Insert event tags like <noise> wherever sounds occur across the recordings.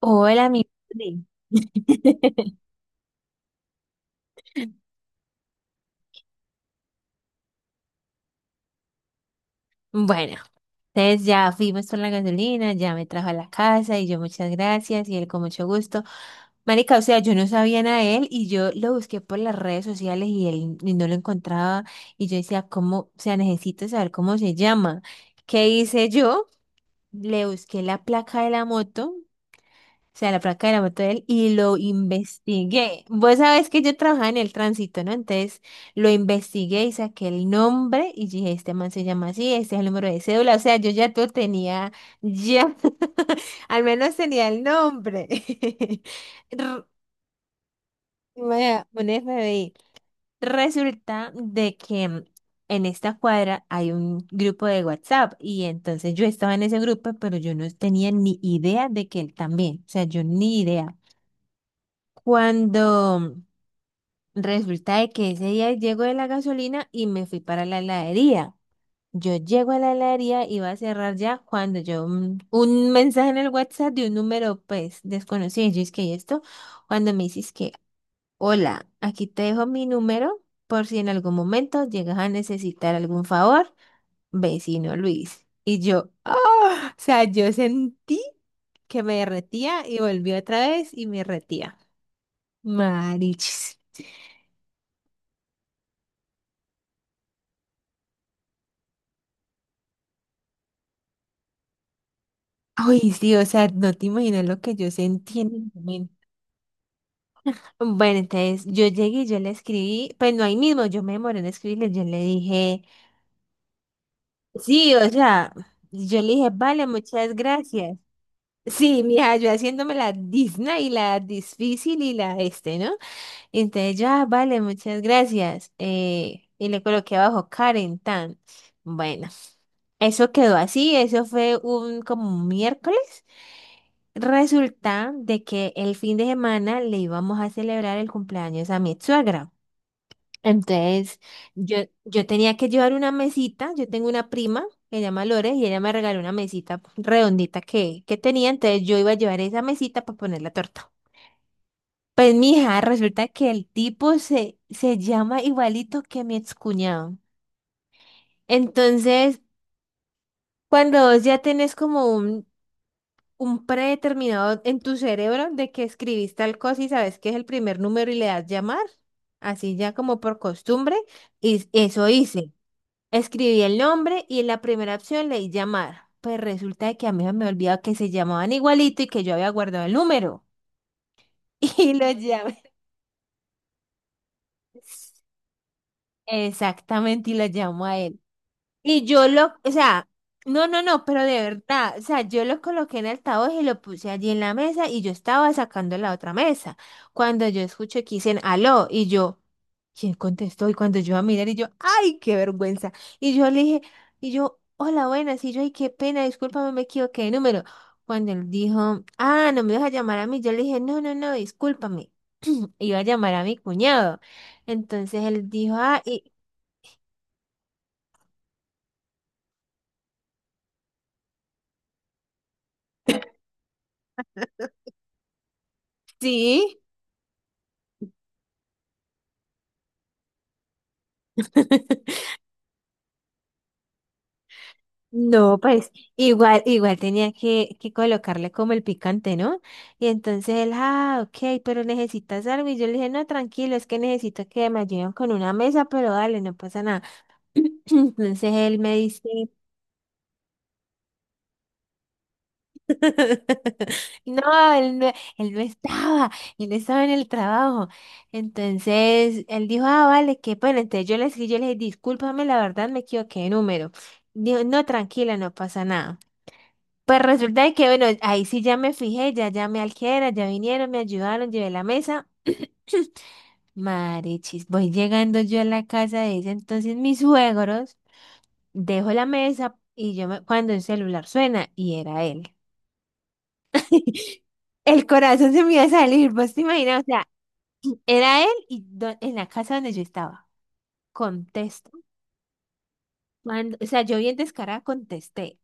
Hola, mi Juli. <laughs> Bueno, entonces ya fuimos por la gasolina, ya me trajo a la casa y yo muchas gracias y él con mucho gusto. Marica, o sea, yo no sabía nada de él y yo lo busqué por las redes sociales y él y no lo encontraba y yo decía, ¿cómo? O sea, necesito saber cómo se llama. ¿Qué hice yo? Le busqué la placa de la moto. O sea, la placa de la moto de él y lo investigué. Vos sabés que yo trabajaba en el tránsito, ¿no? Entonces lo investigué y saqué el nombre y dije, este man se llama así, este es el número de cédula. O sea, yo ya todo tenía, ya, <laughs> al menos tenía el nombre. <laughs> R- vaya, un FBI. Resulta de que en esta cuadra hay un grupo de WhatsApp y entonces yo estaba en ese grupo, pero yo no tenía ni idea de que él también, o sea, yo ni idea. Cuando resulta de que ese día llego de la gasolina y me fui para la heladería. Yo llego a la heladería y va a cerrar ya cuando yo un mensaje en el WhatsApp de un número pues desconocido. Yo es que "¿Y esto, cuando me dices que, hola, aquí te dejo mi número por si en algún momento llegas a necesitar algún favor, vecino Luis". Y yo, ah, o sea, yo sentí que me derretía y volví otra vez y me derretía. Marichis. Ay, sí, o sea, no te imaginas lo que yo sentí en el momento. Bueno, entonces yo llegué y yo le escribí, pues no ahí mismo, yo me demoré en escribirle, yo le dije, sí, o sea, yo le dije, vale, muchas gracias. Sí, mira, yo haciéndome la Disney y la difícil y la este, ¿no? Entonces yo, ah, vale, muchas gracias. Y le coloqué abajo Karen Tan. Bueno. Eso quedó así, eso fue un como un miércoles. Resulta de que el fin de semana le íbamos a celebrar el cumpleaños a mi suegra. Entonces, yo, yo tenía que llevar una mesita, yo tengo una prima que se llama Lore y ella me regaló una mesita redondita que tenía, entonces yo iba a llevar esa mesita para poner la torta. Pues mija, resulta que el tipo se, se llama igualito que mi excuñado. Entonces, cuando vos ya tenés como un predeterminado en tu cerebro de que escribís tal cosa y sabes que es el primer número y le das llamar, así ya como por costumbre, y eso hice. Escribí el nombre y en la primera opción leí llamar. Pues resulta de que a mí me olvidaba que se llamaban igualito y que yo había guardado el número. <laughs> Y lo llamé. Exactamente, y lo llamo a él. Y yo lo, o sea, no, no, no, pero de verdad, o sea, yo lo coloqué en el altavoz y lo puse allí en la mesa y yo estaba sacando la otra mesa. Cuando yo escuché que dicen aló y yo, ¿quién contestó? Y cuando yo a mirar y yo, ¡ay, qué vergüenza! Y yo le dije, y yo, hola, buenas, y yo, ay, qué pena, discúlpame, me equivoqué de número. Cuando él dijo, ah, no me vas a llamar a mí, yo le dije, no, no, no, discúlpame. <clears throat> Iba a llamar a mi cuñado. Entonces él dijo, ah, y sí. <laughs> No, pues igual, igual tenía que colocarle como el picante, ¿no? Y entonces él, ah, ok, pero necesitas algo. Y yo le dije, no, tranquilo, es que necesito que me ayuden con una mesa, pero dale, no pasa nada. <clears throat> Entonces él me dice, <laughs> no, él no, él no estaba, él estaba en el trabajo. Entonces él dijo, ah, vale, qué pena. Entonces yo le escribí, yo le dije, discúlpame, la verdad me equivoqué de número. Dijo, no, tranquila, no pasa nada. Pues resulta de que, bueno, ahí sí ya me fijé, ya llamé al que era, ya vinieron, me ayudaron, llevé la mesa. Marechis, voy llegando yo a la casa de ese entonces mis suegros, dejo la mesa y yo cuando el celular suena y era él. <laughs> El corazón se me iba a salir, vos te imaginas, o sea, era él y en la casa donde yo estaba. O sea, yo bien descarada contesté.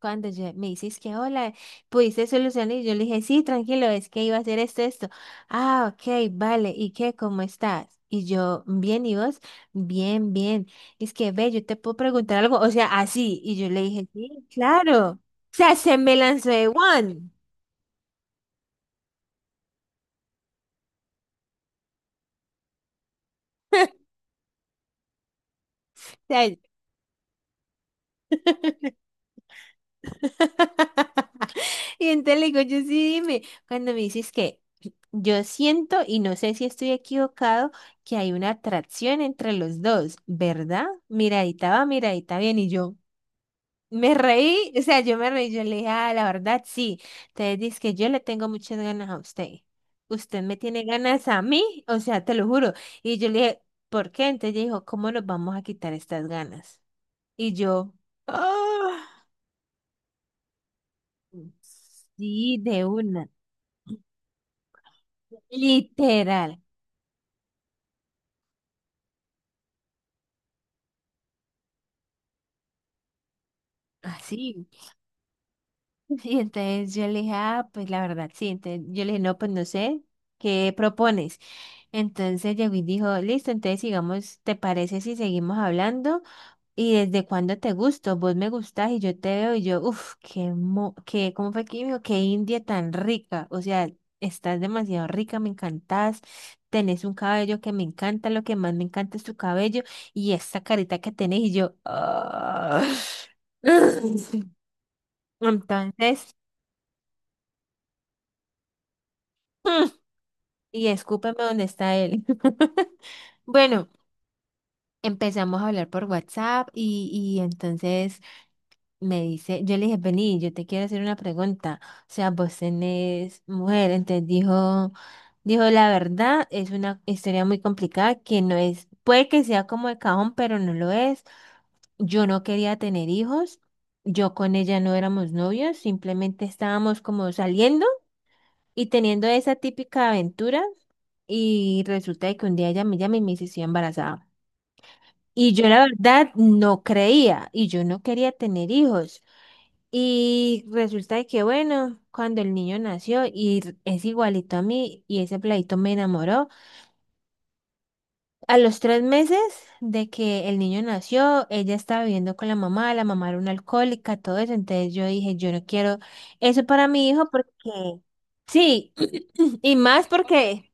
Cuando yo, me dices que hola, ¿pudiste solucionar? Y yo le dije, sí, tranquilo, es que iba a hacer esto, esto. Ah, ok, vale. ¿Y qué? ¿Cómo estás? Y yo, bien, ¿y vos? Bien, bien. Es que, ve, yo te puedo preguntar algo, o sea, así. Y yo le dije, sí, claro. O sea, se me lanzó de one. <laughs> <laughs> Y entonces le digo, yo sí, dime, cuando me dices que yo siento y no sé si estoy equivocado, que hay una atracción entre los dos, ¿verdad? Miradita va, miradita bien, y yo me reí, o sea, yo me reí, yo le dije, ah, la verdad, sí. Entonces dice que yo le tengo muchas ganas a usted. Usted me tiene ganas a mí, o sea, te lo juro. Y yo le dije, ¿por qué? Entonces ella dijo, ¿cómo nos vamos a quitar estas ganas? Y yo, ah, sí, de una. Literal, así. <laughs> Y entonces yo le dije, ah, pues la verdad, sí. Entonces yo le dije, no, pues no sé, ¿qué propones? Entonces llegó y dijo, listo, entonces sigamos, ¿te parece si seguimos hablando? ¿Y desde cuándo te gusto? Vos me gustás y yo te veo y yo, uff, qué, mo qué, ¿cómo fue que me dijo? Qué India tan rica. O sea, estás demasiado rica, me encantás. Tenés un cabello que me encanta, lo que más me encanta es tu cabello y esta carita que tenés y yo, ah. <laughs> Entonces, mm, y escúpeme dónde está él. <laughs> Bueno, empezamos a hablar por WhatsApp y entonces... me dice, yo le dije, vení, yo te quiero hacer una pregunta. O sea, vos tenés mujer. Entonces dijo, dijo, la verdad, es una historia muy complicada que no es, puede que sea como de cajón, pero no lo es. Yo no quería tener hijos. Yo con ella no éramos novios, simplemente estábamos como saliendo y teniendo esa típica aventura. Y resulta de que un día ella me llama y me dice, estoy embarazada. Y yo la verdad no creía y yo no quería tener hijos. Y resulta de que, bueno, cuando el niño nació y es igualito a mí y ese pladito me enamoró, a los 3 meses de que el niño nació, ella estaba viviendo con la mamá era una alcohólica, todo eso, entonces yo dije, yo no quiero eso para mi hijo porque, sí, <clears throat> y más porque,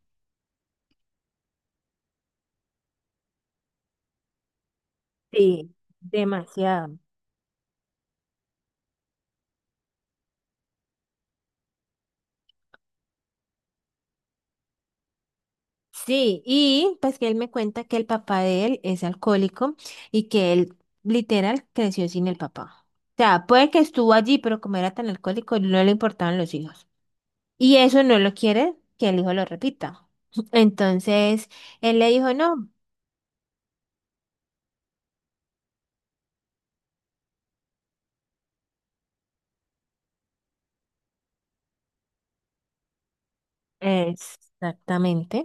sí, demasiado. Sí, y pues que él me cuenta que el papá de él es alcohólico y que él literal creció sin el papá. O sea, puede que estuvo allí, pero como era tan alcohólico, no le importaban los hijos. Y eso no lo quiere que el hijo lo repita. <laughs> Entonces, él le dijo, no, exactamente.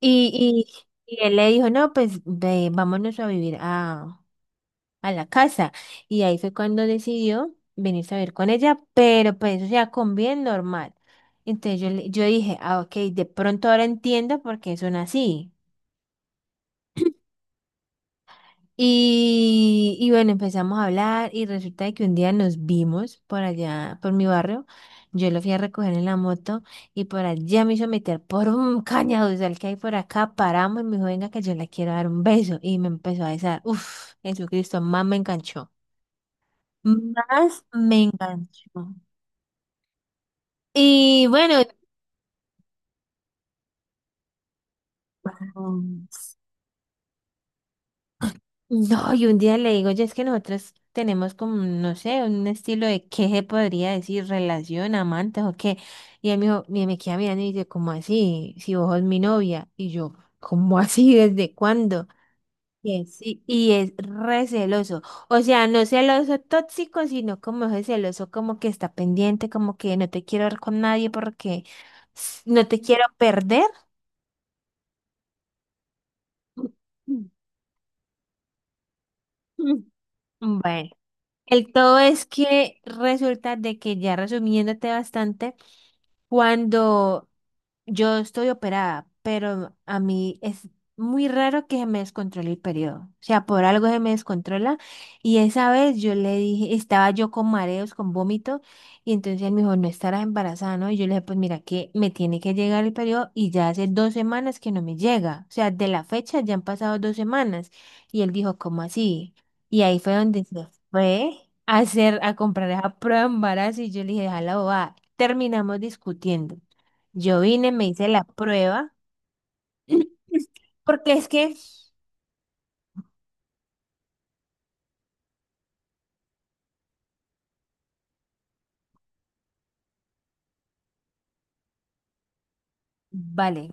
Y, y él le dijo, no, pues ve, vámonos a vivir a la casa. Y ahí fue cuando decidió venirse a ver con ella, pero pues, o sea, con bien normal. Entonces yo, yo dije, ah, ok, de pronto ahora entiendo por qué son así. Y bueno, empezamos a hablar y resulta de que un día nos vimos por allá, por mi barrio. Yo lo fui a recoger en la moto y por allá me hizo meter por un <laughs> cañaduzal que hay por acá. Paramos y me dijo, venga, que yo le quiero dar un beso. Y me empezó a besar. Uf, Jesucristo, más me enganchó. Más me enganchó. Y bueno, no, y un día le digo, ya es que nosotros tenemos como, no sé, un estilo de qué se podría decir, relación, amantes o qué. Y él me dijo, me queda mirando y dice, ¿cómo así? Si vos sos mi novia. Y yo, ¿cómo así? ¿Desde cuándo? Y es re celoso. O sea, no celoso tóxico, sino como ese celoso, como que está pendiente, como que no te quiero ver con nadie porque no te quiero perder. Bueno, el todo es que resulta de que ya resumiéndote bastante, cuando yo estoy operada, pero a mí es muy raro que se me descontrole el periodo. O sea, por algo se me descontrola. Y esa vez yo le dije, estaba yo con mareos, con vómito, y entonces él me dijo, no estarás embarazada, ¿no? Y yo le dije, pues mira que me tiene que llegar el periodo y ya hace 2 semanas que no me llega. O sea, de la fecha ya han pasado 2 semanas. Y él dijo, ¿cómo así? Y ahí fue donde se fue a hacer, a comprar esa prueba de embarazo y yo le dije, déjala bobada. Terminamos discutiendo. Yo vine, me hice la prueba, <laughs> <clears throat> porque es que, vale,